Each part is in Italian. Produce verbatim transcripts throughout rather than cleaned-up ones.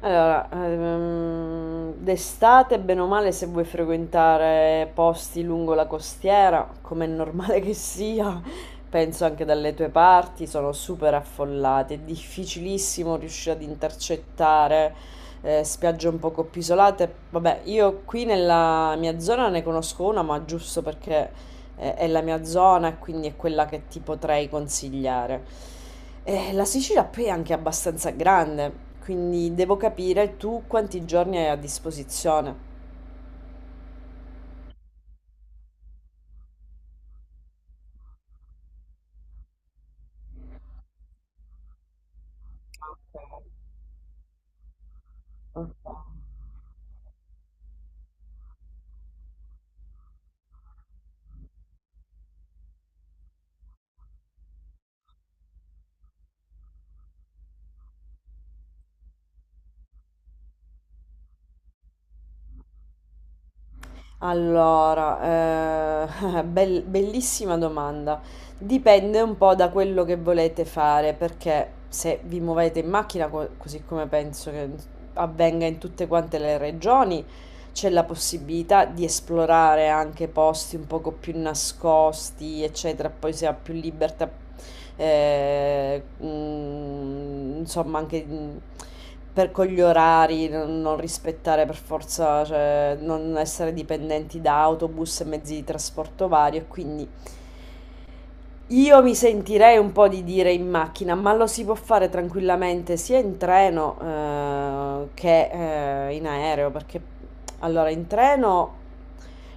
Allora, ehm, d'estate, bene o male, se vuoi frequentare posti lungo la costiera, come è normale che sia, penso anche dalle tue parti, sono super affollate. È difficilissimo riuscire ad intercettare eh, spiagge un poco più isolate. Vabbè, io qui nella mia zona ne conosco una, ma giusto perché eh, è la mia zona e quindi è quella che ti potrei consigliare. Eh, la Sicilia poi è anche abbastanza grande, quindi devo capire tu quanti giorni hai a disposizione. Ok. Allora, eh, bel- bellissima domanda. Dipende un po' da quello che volete fare, perché se vi muovete in macchina, co- così come penso che avvenga in tutte quante le regioni, c'è la possibilità di esplorare anche posti un poco più nascosti, eccetera. Poi si ha più libertà. Ehm, mhmm, insomma anche, mhmm, per con gli orari non non rispettare per forza, cioè non essere dipendenti da autobus e mezzi di trasporto vario, e quindi io mi sentirei un po' di dire in macchina, ma lo si può fare tranquillamente sia in treno, ehm, che, ehm, in aereo, perché allora in treno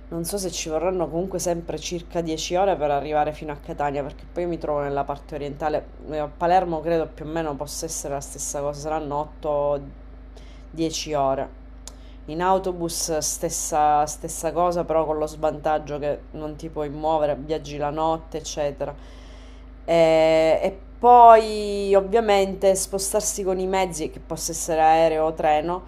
non so se ci vorranno comunque sempre circa dieci ore per arrivare fino a Catania, perché poi io mi trovo nella parte orientale. eh, A Palermo credo più o meno possa essere la stessa cosa, saranno otto a dieci ore. In autobus stessa, stessa cosa, però con lo svantaggio che non ti puoi muovere, viaggi la notte, eccetera. E, e poi ovviamente spostarsi con i mezzi, che possa essere aereo o treno,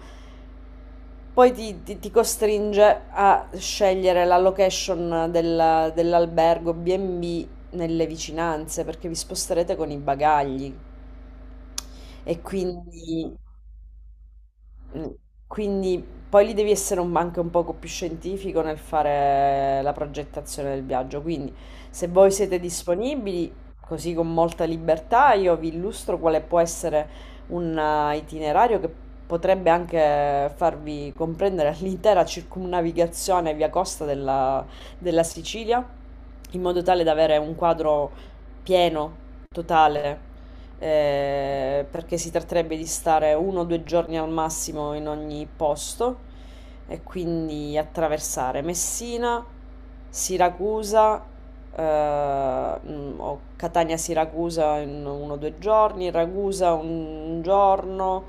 poi ti, ti- ti costringe a scegliere la location del- dell'albergo bi e bi nelle vicinanze, perché vi sposterete con i bagagli. E quindi, mm, quindi poi lì devi essere un- anche un poco più scientifico nel fare la progettazione del viaggio. Quindi, se voi siete disponibili, così con molta libertà, io vi illustro quale può essere un eh, itinerario che potrebbe anche farvi comprendere l'intera circumnavigazione via costa della, della Sicilia, in modo tale da avere un quadro pieno, totale, eh, perché si tratterebbe di stare uno o due giorni al massimo in ogni posto e quindi attraversare Messina, Siracusa, eh, mm, o Catania-Siracusa in uno o due giorni, Ragusa un giorno,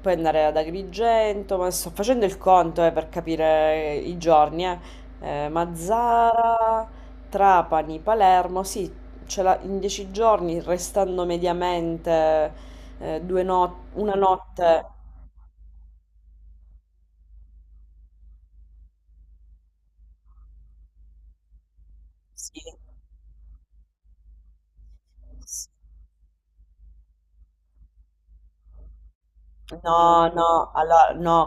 poi andare ad Agrigento, ma sto facendo il conto, eh, per capire i giorni, eh. Eh, Mazzara, Trapani, Palermo, sì, Ce la- in dieci giorni, restando mediamente eh, due no- una notte, sì. No, no, allora, no,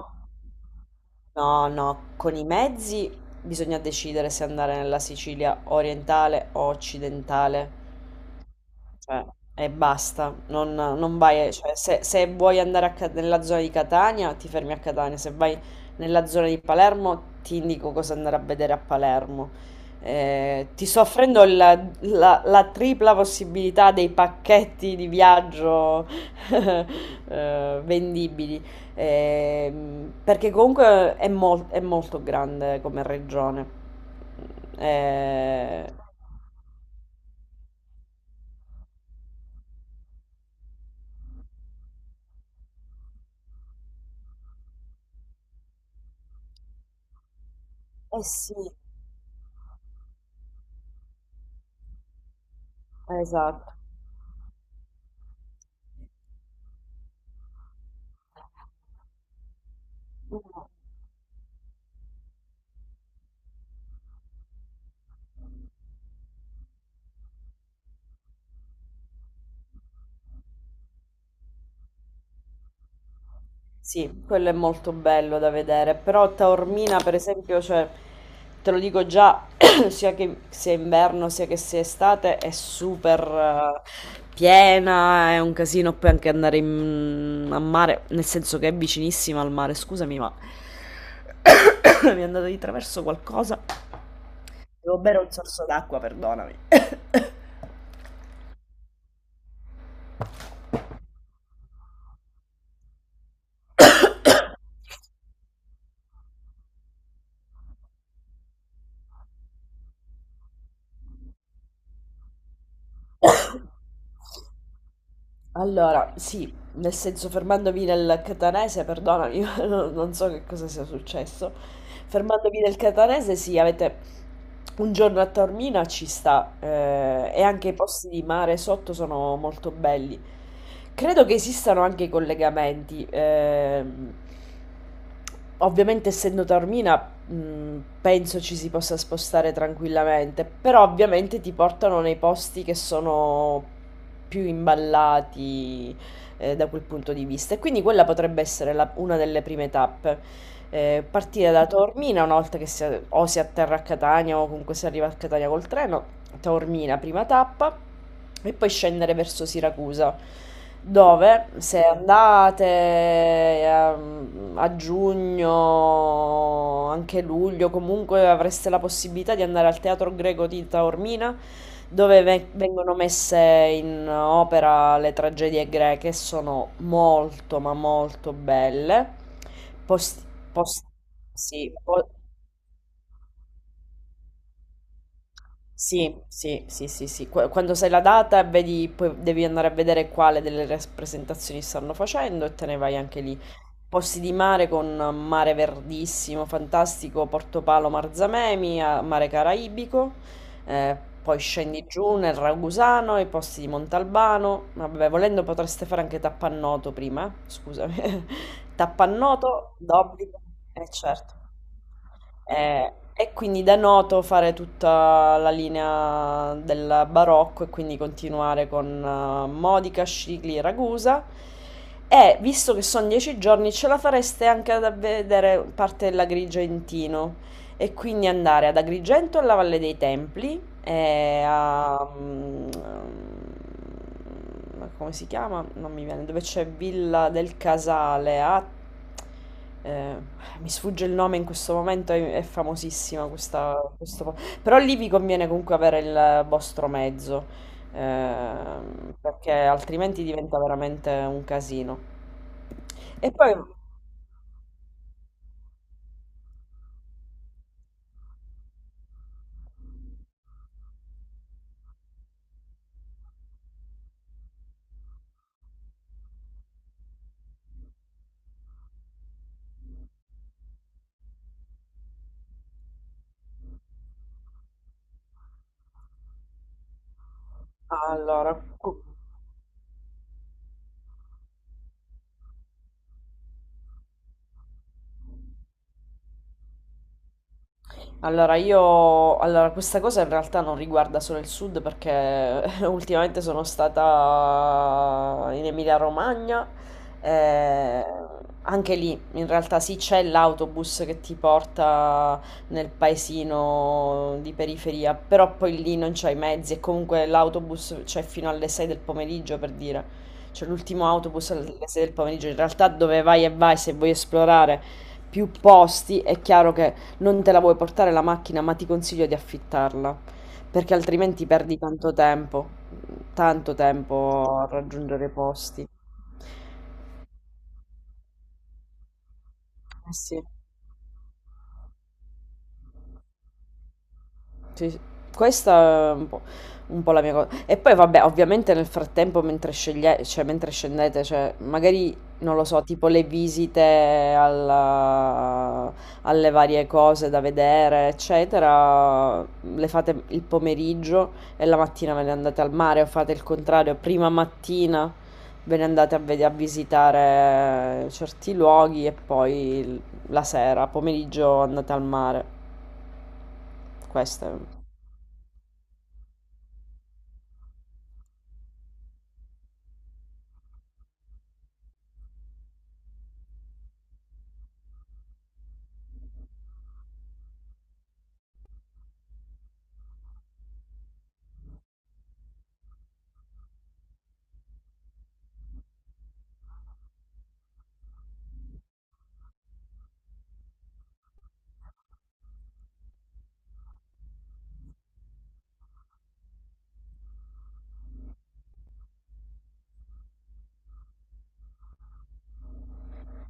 no, no, con i mezzi bisogna decidere se andare nella Sicilia orientale o occidentale. Cioè, e basta, non, non vai, cioè, se, se vuoi andare a Ca- nella zona di Catania, ti fermi a Catania, se vai nella zona di Palermo, ti indico cosa andare a vedere a Palermo. Eh, ti sto offrendo il- la, la tripla possibilità dei pacchetti di viaggio eh, vendibili. Ehm, perché comunque è, mol- è molto grande come regione. Eh, eh sì, esatto. Mh. Sì, quello è molto bello da vedere, però Taormina per esempio, cioè, te lo dico già, sia che sia inverno sia che sia estate, è super eh, piena, è un casino poi anche andare in- mm, a mare, nel senso che è vicinissima al mare, scusami, ma mi è andato di traverso qualcosa. Devo bere un sorso d'acqua, perdonami. Allora, sì, nel senso fermandomi nel catanese, perdonami, ma non non so che cosa sia successo. Fermandomi nel catanese, sì, avete un giorno a Taormina ci sta, eh, e anche i posti di mare sotto sono molto belli. Credo che esistano anche i collegamenti. ehm, ovviamente, essendo Taormina, mhmm, penso ci si possa spostare tranquillamente, però ovviamente ti portano nei posti che sono più imballati, ehm, da quel punto di vista, e quindi quella potrebbe essere la una delle prime tappe. Ehm, partire da Taormina una volta che si a o si atterra a Catania, o comunque si arriva a Catania col treno. Taormina, prima tappa, e poi scendere verso Siracusa, dove se andate ehm, a giugno, anche luglio, comunque avreste la possibilità di andare al Teatro Greco di Taormina, dove ve- vengono messe in opera le tragedie greche, sono molto ma molto belle. Post, post- sì, po- Sì, sì, sì, sì, sì. Qu- Quando sai la data e vedi, poi devi andare a vedere quale delle rappresentazioni stanno facendo e te ne vai anche lì. Posti di mare con mare verdissimo, fantastico, Portopalo, Marzamemi, a- mare caraibico, eh, poi scendi giù nel Ragusano, i posti di Montalbano. Vabbè, volendo potreste fare anche Tappannoto prima, eh. Scusami. Tappannoto, d'obbligo, eh certo. Eh, e quindi da Noto fare tutta la linea del barocco e quindi continuare con eh, Modica, Scicli, Ragusa. E visto che sono dieci giorni, ce la fareste anche ad vedere parte della Grigia in Tino. E quindi andare ad Agrigento alla Valle dei Templi e a, mm, ma come si chiama? Non mi viene, dove c'è Villa del Casale, a, eh, mi sfugge il nome in questo momento, è, è famosissima questa... questo po- Però lì vi conviene comunque avere il vostro mezzo, ehm, perché altrimenti diventa veramente un casino. E poi, allora, cu- Allora, io, allora, questa cosa in realtà non riguarda solo il sud, perché ultimamente sono stata in Emilia-Romagna, eh, anche lì in realtà sì, c'è l'autobus che ti porta nel paesino di periferia, però poi lì non c'hai mezzi e comunque l'autobus c'è fino alle sei del pomeriggio, per dire, c'è l'ultimo autobus alle sei del pomeriggio, in realtà dove vai e vai se vuoi esplorare più posti, è chiaro che non te la vuoi portare la macchina, ma ti consiglio di affittarla, perché altrimenti perdi tanto tempo, tanto tempo a raggiungere i posti. Eh sì. Sì, sì. Questa è un po', un po' la mia cosa. E poi vabbè, ovviamente nel frattempo, mentre sceglie- cioè, mentre scendete, cioè, magari, non lo so, tipo le visite alla- alle varie cose da vedere, eccetera, le fate il pomeriggio e la mattina ve ne andate al mare o fate il contrario, prima mattina ve ne andate a, vede- a visitare certi luoghi e poi l- la sera, pomeriggio andate al mare. Questo è...